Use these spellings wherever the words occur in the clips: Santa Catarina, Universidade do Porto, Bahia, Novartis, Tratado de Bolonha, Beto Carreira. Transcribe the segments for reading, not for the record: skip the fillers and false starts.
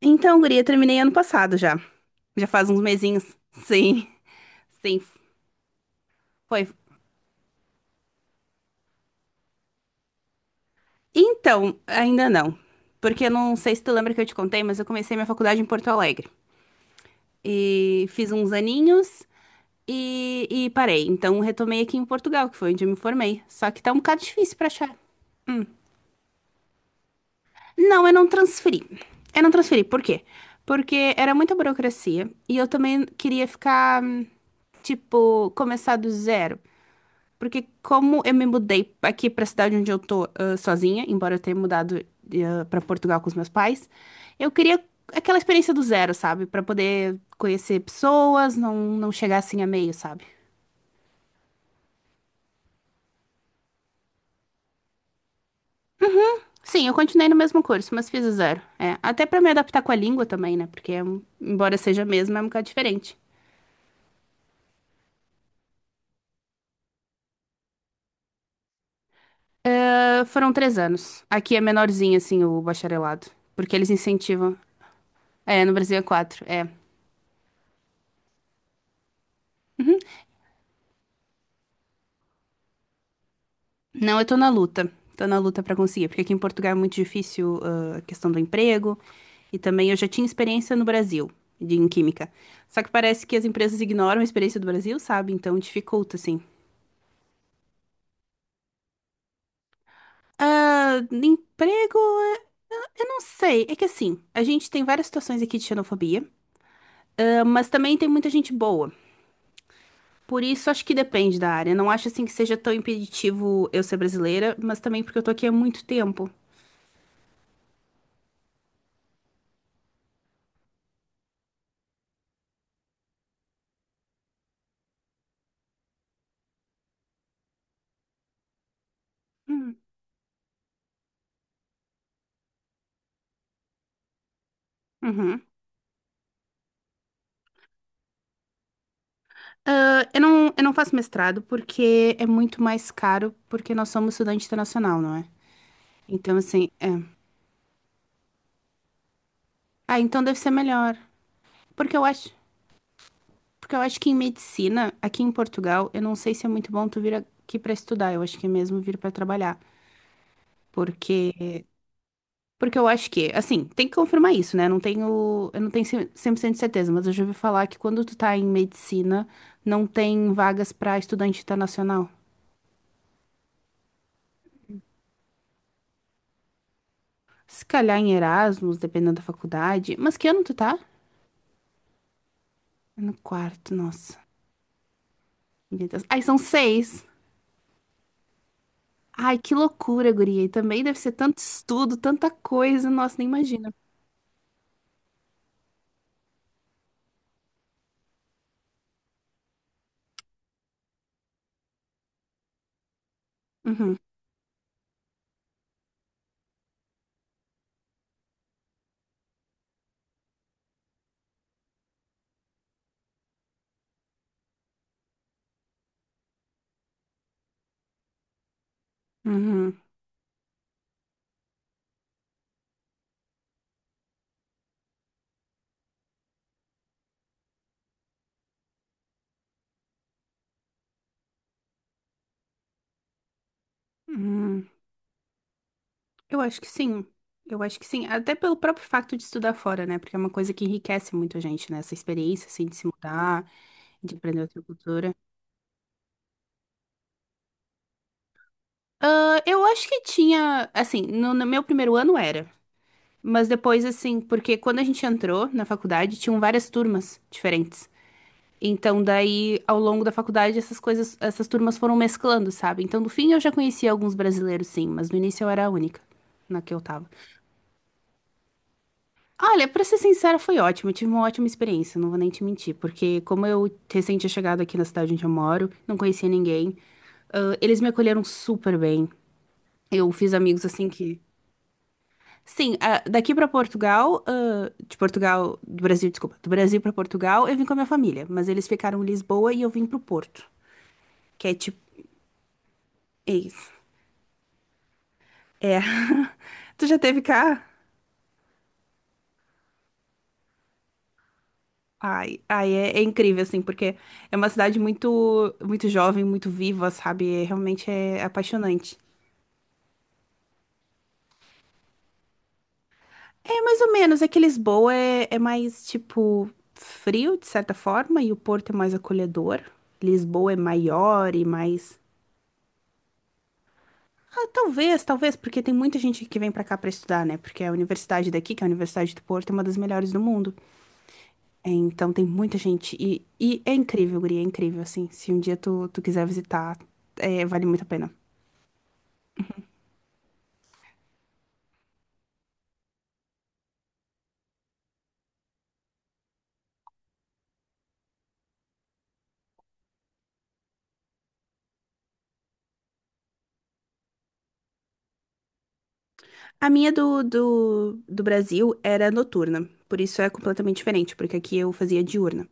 Então, guria, terminei ano passado já. Já faz uns mesinhos. Sim, sim, foi. Então, ainda não. Porque eu não sei se tu lembra que eu te contei, mas eu comecei minha faculdade em Porto Alegre. E fiz uns aninhos e parei. Então, retomei aqui em Portugal, que foi onde eu me formei. Só que tá um bocado difícil pra achar. Não, eu não transferi. Eu não transferi. Por quê? Porque era muita burocracia e eu também queria ficar, tipo, começar do zero. Porque como eu me mudei aqui pra cidade onde eu tô, sozinha, embora eu tenha mudado, pra Portugal com os meus pais, eu queria aquela experiência do zero, sabe? Pra poder conhecer pessoas, não, não chegar assim a meio, sabe? Sim, eu continuei no mesmo curso, mas fiz o zero. É, até pra me adaptar com a língua também, né? Porque embora seja a mesma, é um bocado diferente. Ah, foram 3 anos. Aqui é menorzinho, assim, o bacharelado. Porque eles incentivam. É, no Brasil é quatro. É. Não, eu tô na luta. Tô na luta pra conseguir, porque aqui em Portugal é muito difícil, a questão do emprego. E também eu já tinha experiência no Brasil, em química. Só que parece que as empresas ignoram a experiência do Brasil, sabe? Então dificulta, assim. Ah, emprego, eh, eu não sei. É que assim, a gente tem várias situações aqui de xenofobia, mas também tem muita gente boa. Por isso, acho que depende da área. Não acho assim que seja tão impeditivo eu ser brasileira, mas também porque eu tô aqui há muito tempo. Hum. Uhum. Ah, eu não faço mestrado porque é muito mais caro, porque nós somos estudante internacional, não é? Então, assim, é. Ah, então deve ser melhor. Porque eu acho, porque eu acho que em medicina, aqui em Portugal, eu não sei se é muito bom tu vir aqui pra estudar. Eu acho que é mesmo vir pra trabalhar. Porque, porque eu acho que, assim, tem que confirmar isso, né? Eu não tenho 100% de certeza, mas eu já ouvi falar que quando tu tá em medicina, não tem vagas pra estudante internacional. Se calhar em Erasmus, dependendo da faculdade. Mas que ano tu tá? Tá no quarto, nossa. Meu Deus. Ai, são seis. Ai, que loucura, guria. E também deve ser tanto estudo, tanta coisa. Nossa, nem imagina. Uhum, uhum, uhum. Eu acho que sim. Eu acho que sim. Até pelo próprio facto de estudar fora, né? Porque é uma coisa que enriquece muito a gente, né? Essa experiência, assim, de se mudar, de aprender outra cultura. Ah, eu acho que tinha, assim, no meu primeiro ano era. Mas depois, assim, porque quando a gente entrou na faculdade, tinham várias turmas diferentes. Então, daí, ao longo da faculdade, essas turmas foram mesclando, sabe? Então, no fim, eu já conhecia alguns brasileiros, sim, mas no início eu era a única na que eu tava. Olha, pra ser sincera, foi ótimo. Eu tive uma ótima experiência, não vou nem te mentir, porque como eu recente tinha chegado aqui na cidade onde eu moro, não conhecia ninguém, eles me acolheram super bem. Eu fiz amigos, assim. Que Sim, daqui pra Portugal, de Portugal, do Brasil, desculpa, do Brasil pra Portugal, eu vim com a minha família, mas eles ficaram em Lisboa e eu vim pro Porto, que é tipo, é isso. É. Tu já teve cá? Ai, ai, é incrível assim, porque é uma cidade muito, muito jovem, muito viva, sabe? É, realmente é apaixonante. É mais ou menos, é que Lisboa é mais tipo frio, de certa forma, e o Porto é mais acolhedor. Lisboa é maior e mais. Talvez, talvez, porque tem muita gente que vem pra cá pra estudar, né? Porque a universidade daqui, que é a Universidade do Porto, é uma das melhores do mundo. É, então tem muita gente. E é incrível, guria, é incrível, assim. Se um dia tu quiser visitar, vale muito a pena. A minha do Brasil era noturna, por isso é completamente diferente, porque aqui eu fazia diurna.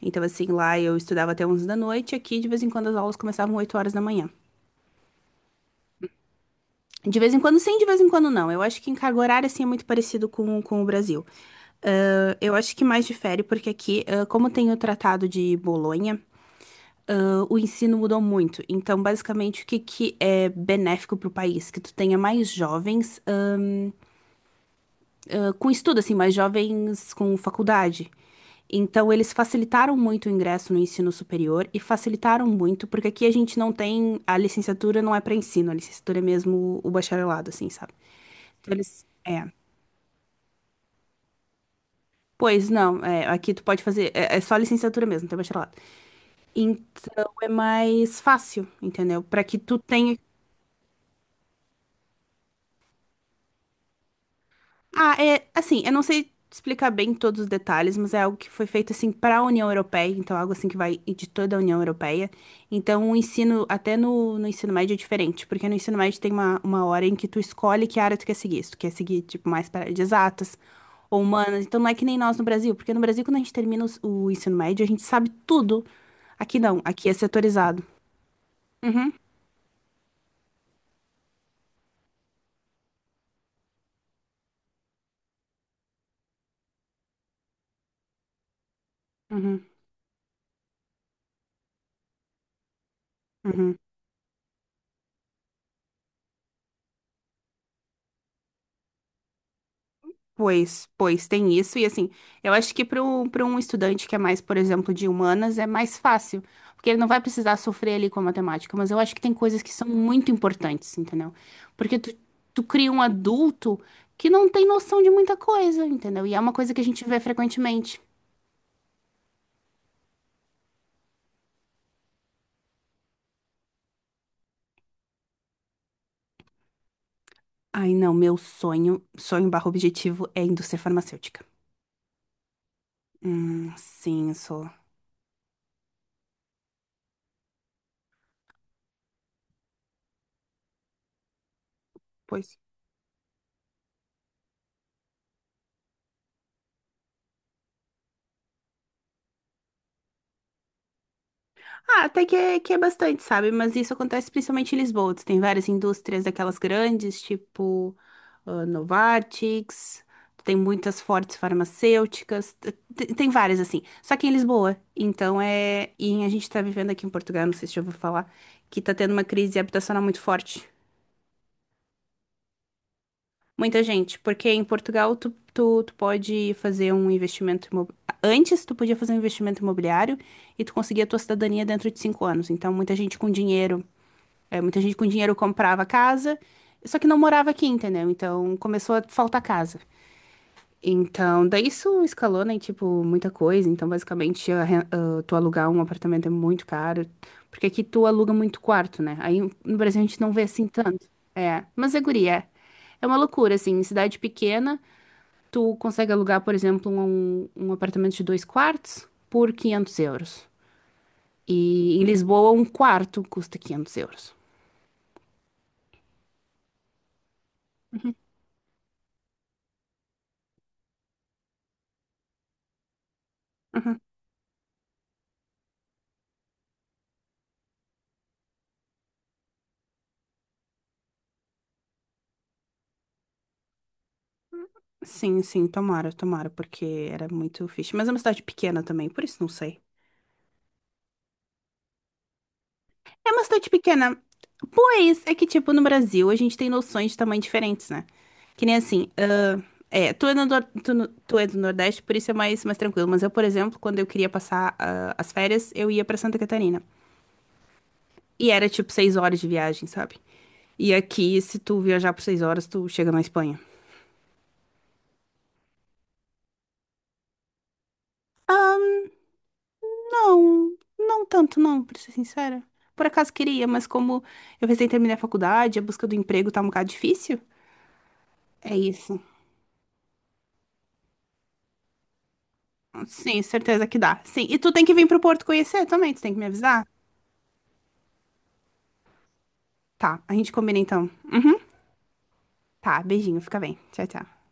Então, assim, lá eu estudava até 11 da noite, aqui de vez em quando as aulas começavam 8 horas da manhã. De vez em quando sim, de vez em quando não. Eu acho que em carga horária, assim, é muito parecido com o Brasil. Ah, eu acho que mais difere porque aqui, como tem o Tratado de Bolonha, o ensino mudou muito. Então, basicamente, o que, que é benéfico para o país? Que tu tenha mais jovens, com estudo, assim, mais jovens com faculdade. Então, eles facilitaram muito o ingresso no ensino superior e facilitaram muito, porque aqui a gente não tem, a licenciatura não é para ensino, a licenciatura é mesmo o bacharelado, assim, sabe? Então, eles. É. Pois não, é, aqui tu pode fazer, é só licenciatura mesmo, não tem bacharelado. Então é mais fácil, entendeu? Para que tu tenha. Ah, é assim, eu não sei explicar bem todos os detalhes, mas é algo que foi feito assim para a União Europeia, então algo assim que vai de toda a União Europeia. Então o ensino, até no ensino médio é diferente, porque no ensino médio tem uma hora em que tu escolhe que área tu quer seguir, se tu quer seguir tipo mais para área de exatas ou humanas, então não é que nem nós no Brasil, porque no Brasil quando a gente termina o ensino médio a gente sabe tudo. Aqui não, aqui é setorizado. Uhum, uhum, uhum. Pois, pois, tem isso. E assim, eu acho que para um estudante que é mais, por exemplo, de humanas, é mais fácil, porque ele não vai precisar sofrer ali com a matemática. Mas eu acho que tem coisas que são muito importantes, entendeu? Porque tu cria um adulto que não tem noção de muita coisa, entendeu? E é uma coisa que a gente vê frequentemente. Ai, não, meu sonho, sonho barra objetivo é indústria farmacêutica. Sim, sou. Pois. Até que é bastante, sabe? Mas isso acontece principalmente em Lisboa. Tu tem várias indústrias daquelas grandes, tipo Novartis, tem muitas fortes farmacêuticas, tem várias assim. Só que em Lisboa. Então é. E a gente tá vivendo aqui em Portugal, não sei se já ouviu falar, que tá tendo uma crise habitacional muito forte. Muita gente, porque em Portugal tu pode fazer um investimento Antes tu podia fazer um investimento imobiliário e tu conseguia a tua cidadania dentro de 5 anos. Então muita gente com dinheiro. Muita gente com dinheiro comprava casa, só que não morava aqui, entendeu? Então começou a faltar casa. Então, daí isso escalou, né? Tipo, muita coisa. Então, basicamente, tu alugar um apartamento é muito caro. Porque aqui tu aluga muito quarto, né? Aí no Brasil a gente não vê assim tanto. É, mas é guria. É. É uma loucura, assim. Em cidade pequena, tu consegue alugar, por exemplo, um apartamento de dois quartos por 500 euros. E em Lisboa, um quarto custa 500 euros. Sim, sim, tomara, tomara, porque era muito fixe. Mas é uma cidade pequena também, por isso não sei. É uma cidade pequena. Pois é que, tipo, no Brasil a gente tem noções de tamanho diferentes, né? Que nem assim. Tu é, no nor- tu, no- tu é do Nordeste, por isso é mais, mais tranquilo. Mas eu, por exemplo, quando eu queria passar as férias, eu ia pra Santa Catarina. E era tipo 6 horas de viagem, sabe? E aqui, se tu viajar por 6 horas, tu chega na Espanha. Não, não tanto, não, pra ser sincera. Por acaso queria, mas como eu recém terminei a faculdade, a busca do emprego tá um bocado difícil. É isso. Sim, certeza que dá. Sim, e tu tem que vir pro Porto conhecer também, tu tem que me avisar? Tá, a gente combina então. Tá, beijinho, fica bem. Tchau, tchau.